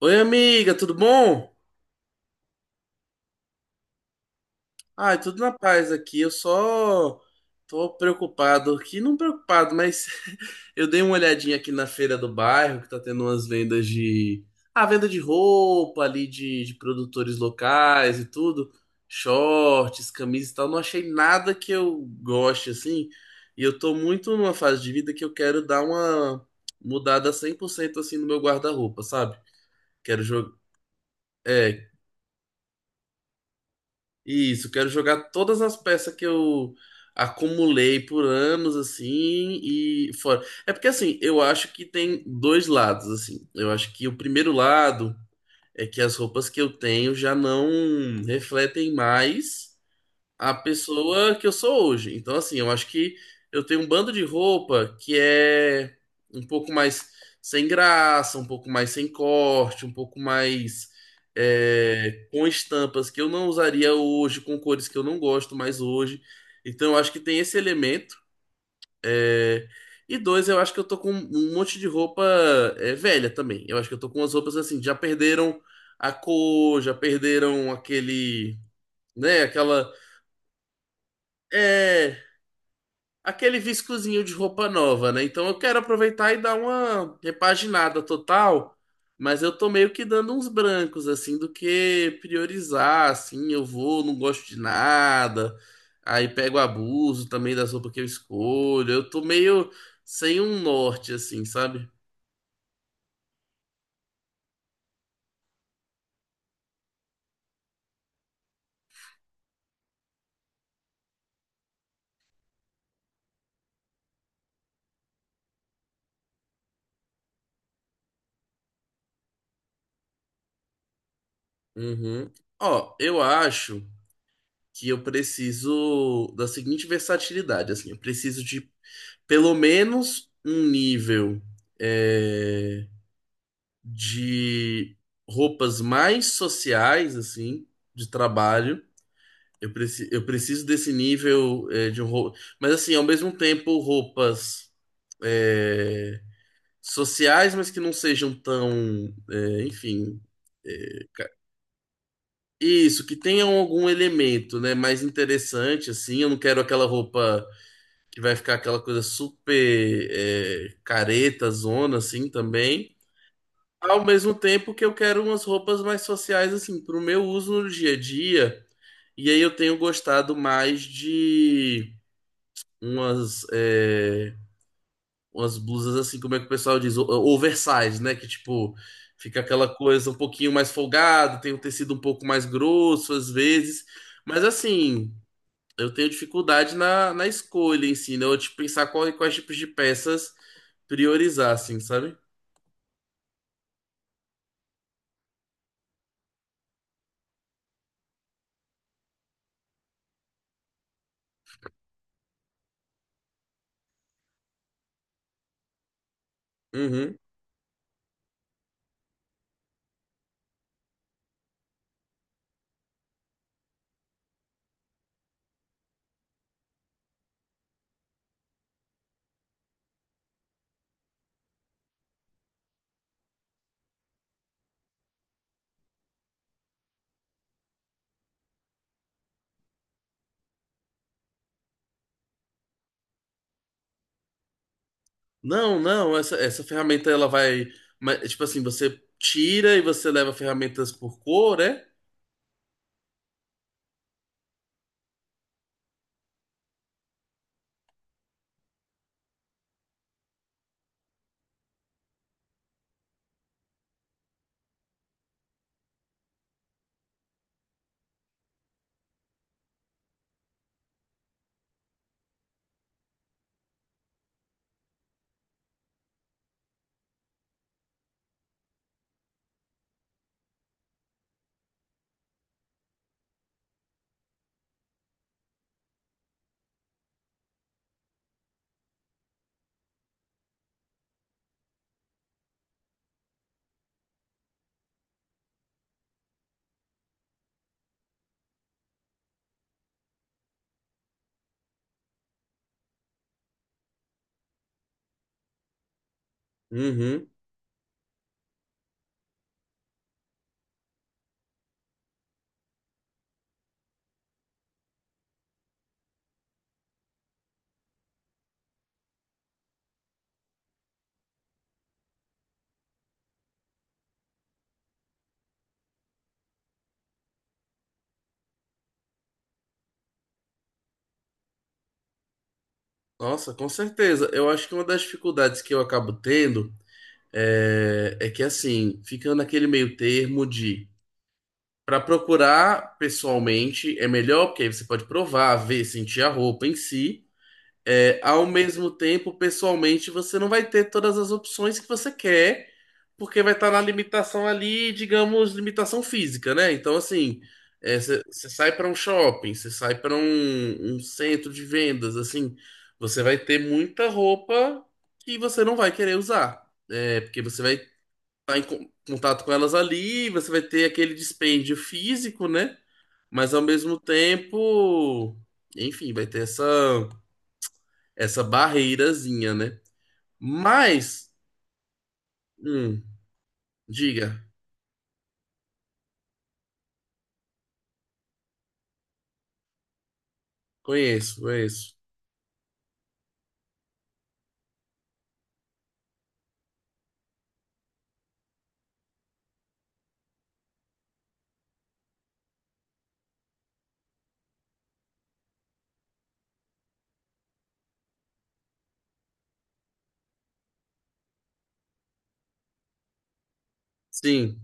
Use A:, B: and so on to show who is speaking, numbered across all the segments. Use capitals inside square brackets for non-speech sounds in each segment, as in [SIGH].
A: Oi, amiga, tudo bom? Ai, tudo na paz aqui. Eu só tô preocupado aqui, não preocupado, mas [LAUGHS] eu dei uma olhadinha aqui na feira do bairro, que tá tendo umas vendas de. Ah, venda de roupa ali, de produtores locais e tudo. Shorts, camisas e tal. Não achei nada que eu goste, assim. E eu tô muito numa fase de vida que eu quero dar uma mudada 100% assim no meu guarda-roupa, sabe? Quero jogar. Isso, quero jogar todas as peças que eu acumulei por anos, assim, e fora. É porque, assim, eu acho que tem dois lados, assim. Eu acho que o primeiro lado é que as roupas que eu tenho já não refletem mais a pessoa que eu sou hoje. Então, assim, eu acho que eu tenho um bando de roupa que é um pouco mais sem graça, um pouco mais sem corte, um pouco mais com estampas que eu não usaria hoje, com cores que eu não gosto mais hoje. Então, eu acho que tem esse elemento. é, E dois, eu acho que eu tô com um monte de roupa velha também. Eu acho que eu tô com umas roupas assim, já perderam a cor, já perderam aquele, né, aquela. É, aquele viscozinho de roupa nova, né? Então eu quero aproveitar e dar uma repaginada total, mas eu tô meio que dando uns brancos, assim, do que priorizar, assim, eu vou, não gosto de nada, aí pego abuso também das roupas que eu escolho, eu tô meio sem um norte, assim, sabe? Uhum. Ó, eu acho que eu preciso da seguinte versatilidade, assim, eu preciso de pelo menos um nível. é, de roupas mais sociais, assim, de trabalho. Eu preciso desse nível de roupa. Mas, assim, ao mesmo tempo, roupas é, sociais, mas que não sejam tão, é, enfim. é, ca- isso, que tenham algum elemento, né, mais interessante, assim. Eu não quero aquela roupa que vai ficar aquela coisa super careta, zona, assim, também. Ao mesmo tempo que eu quero umas roupas mais sociais, assim, pro meu uso no dia a dia. E aí eu tenho gostado mais de umas, umas blusas, assim, como é que o pessoal diz? Oversize, né? Que, tipo, fica aquela coisa um pouquinho mais folgada, tem um tecido um pouco mais grosso, às vezes. Mas, assim, eu tenho dificuldade na escolha em si, né? Eu, tipo, pensar quais tipos de peças priorizar, assim, sabe? Uhum. Não, não, essa ferramenta ela vai. Tipo assim, você tira e você leva ferramentas por cor, é? Uhum. Nossa, com certeza. Eu acho que uma das dificuldades que eu acabo tendo é que assim, fica naquele meio termo de para procurar pessoalmente é melhor, porque aí você pode provar, ver, sentir a roupa em si. É, ao mesmo tempo, pessoalmente, você não vai ter todas as opções que você quer, porque vai estar na limitação ali, digamos, limitação física, né? Então, assim, você sai para um shopping, você sai para um centro de vendas, assim, você vai ter muita roupa que você não vai querer usar, porque você vai estar em contato com elas ali, você vai ter aquele dispêndio físico, né? Mas ao mesmo tempo, enfim, vai ter essa barreirazinha, né? Mas, hum, diga, conheço, conheço. Sim.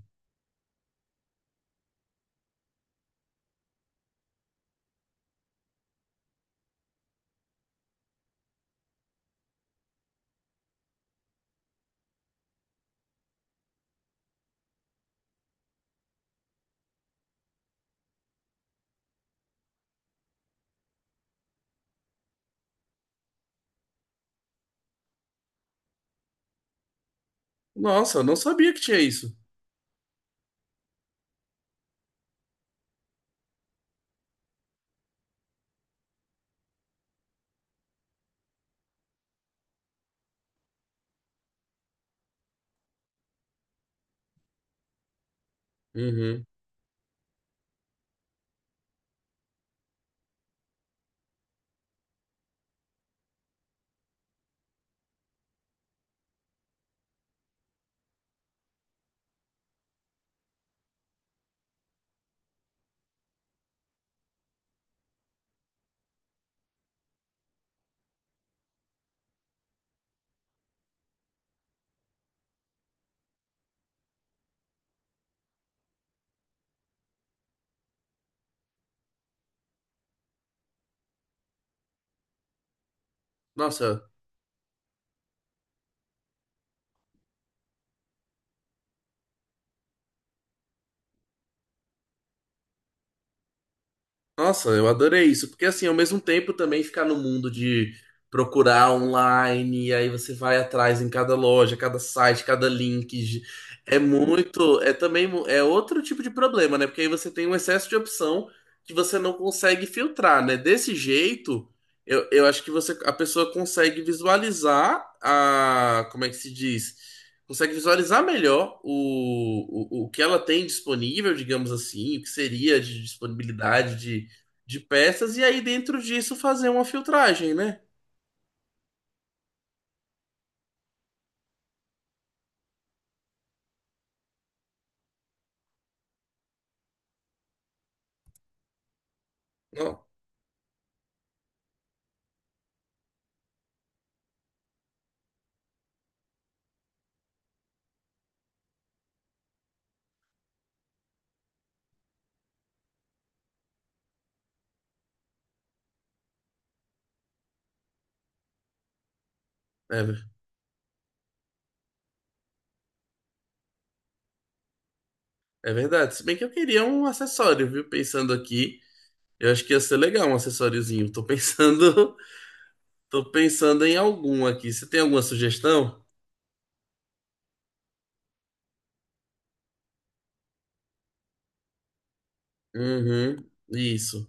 A: Nossa, eu não sabia que tinha isso. Uhum. Nossa, Nossa, eu adorei isso, porque assim, ao mesmo tempo também ficar no mundo de procurar online, e aí você vai atrás em cada loja, cada site, cada link. É muito, é também é outro tipo de problema, né? Porque aí você tem um excesso de opção que você não consegue filtrar, né? Desse jeito, eu acho que você a pessoa consegue visualizar a, como é que se diz? Consegue visualizar melhor o que ela tem disponível, digamos assim, o que seria de disponibilidade de peças e aí dentro disso fazer uma filtragem, né? Não, é, é verdade. Se bem que eu queria um acessório, viu? Pensando aqui, eu acho que ia ser legal um acessóriozinho. Tô pensando, [LAUGHS] tô pensando em algum aqui. Você tem alguma sugestão? Uhum, isso.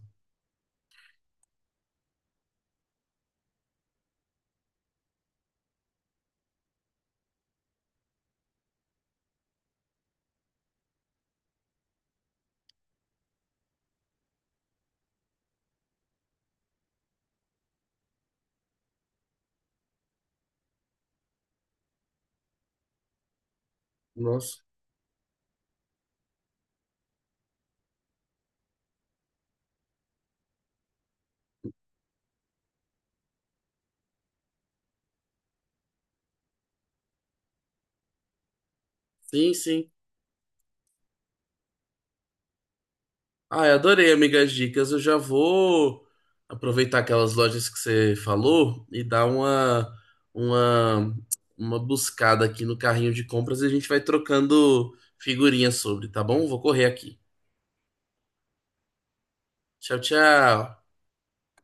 A: Nossa. Sim, sim. Ai, adorei, amigas dicas. Eu já vou aproveitar aquelas lojas que você falou e dar uma, uma buscada aqui no carrinho de compras e a gente vai trocando figurinhas sobre, tá bom? Vou correr aqui. Tchau, tchau.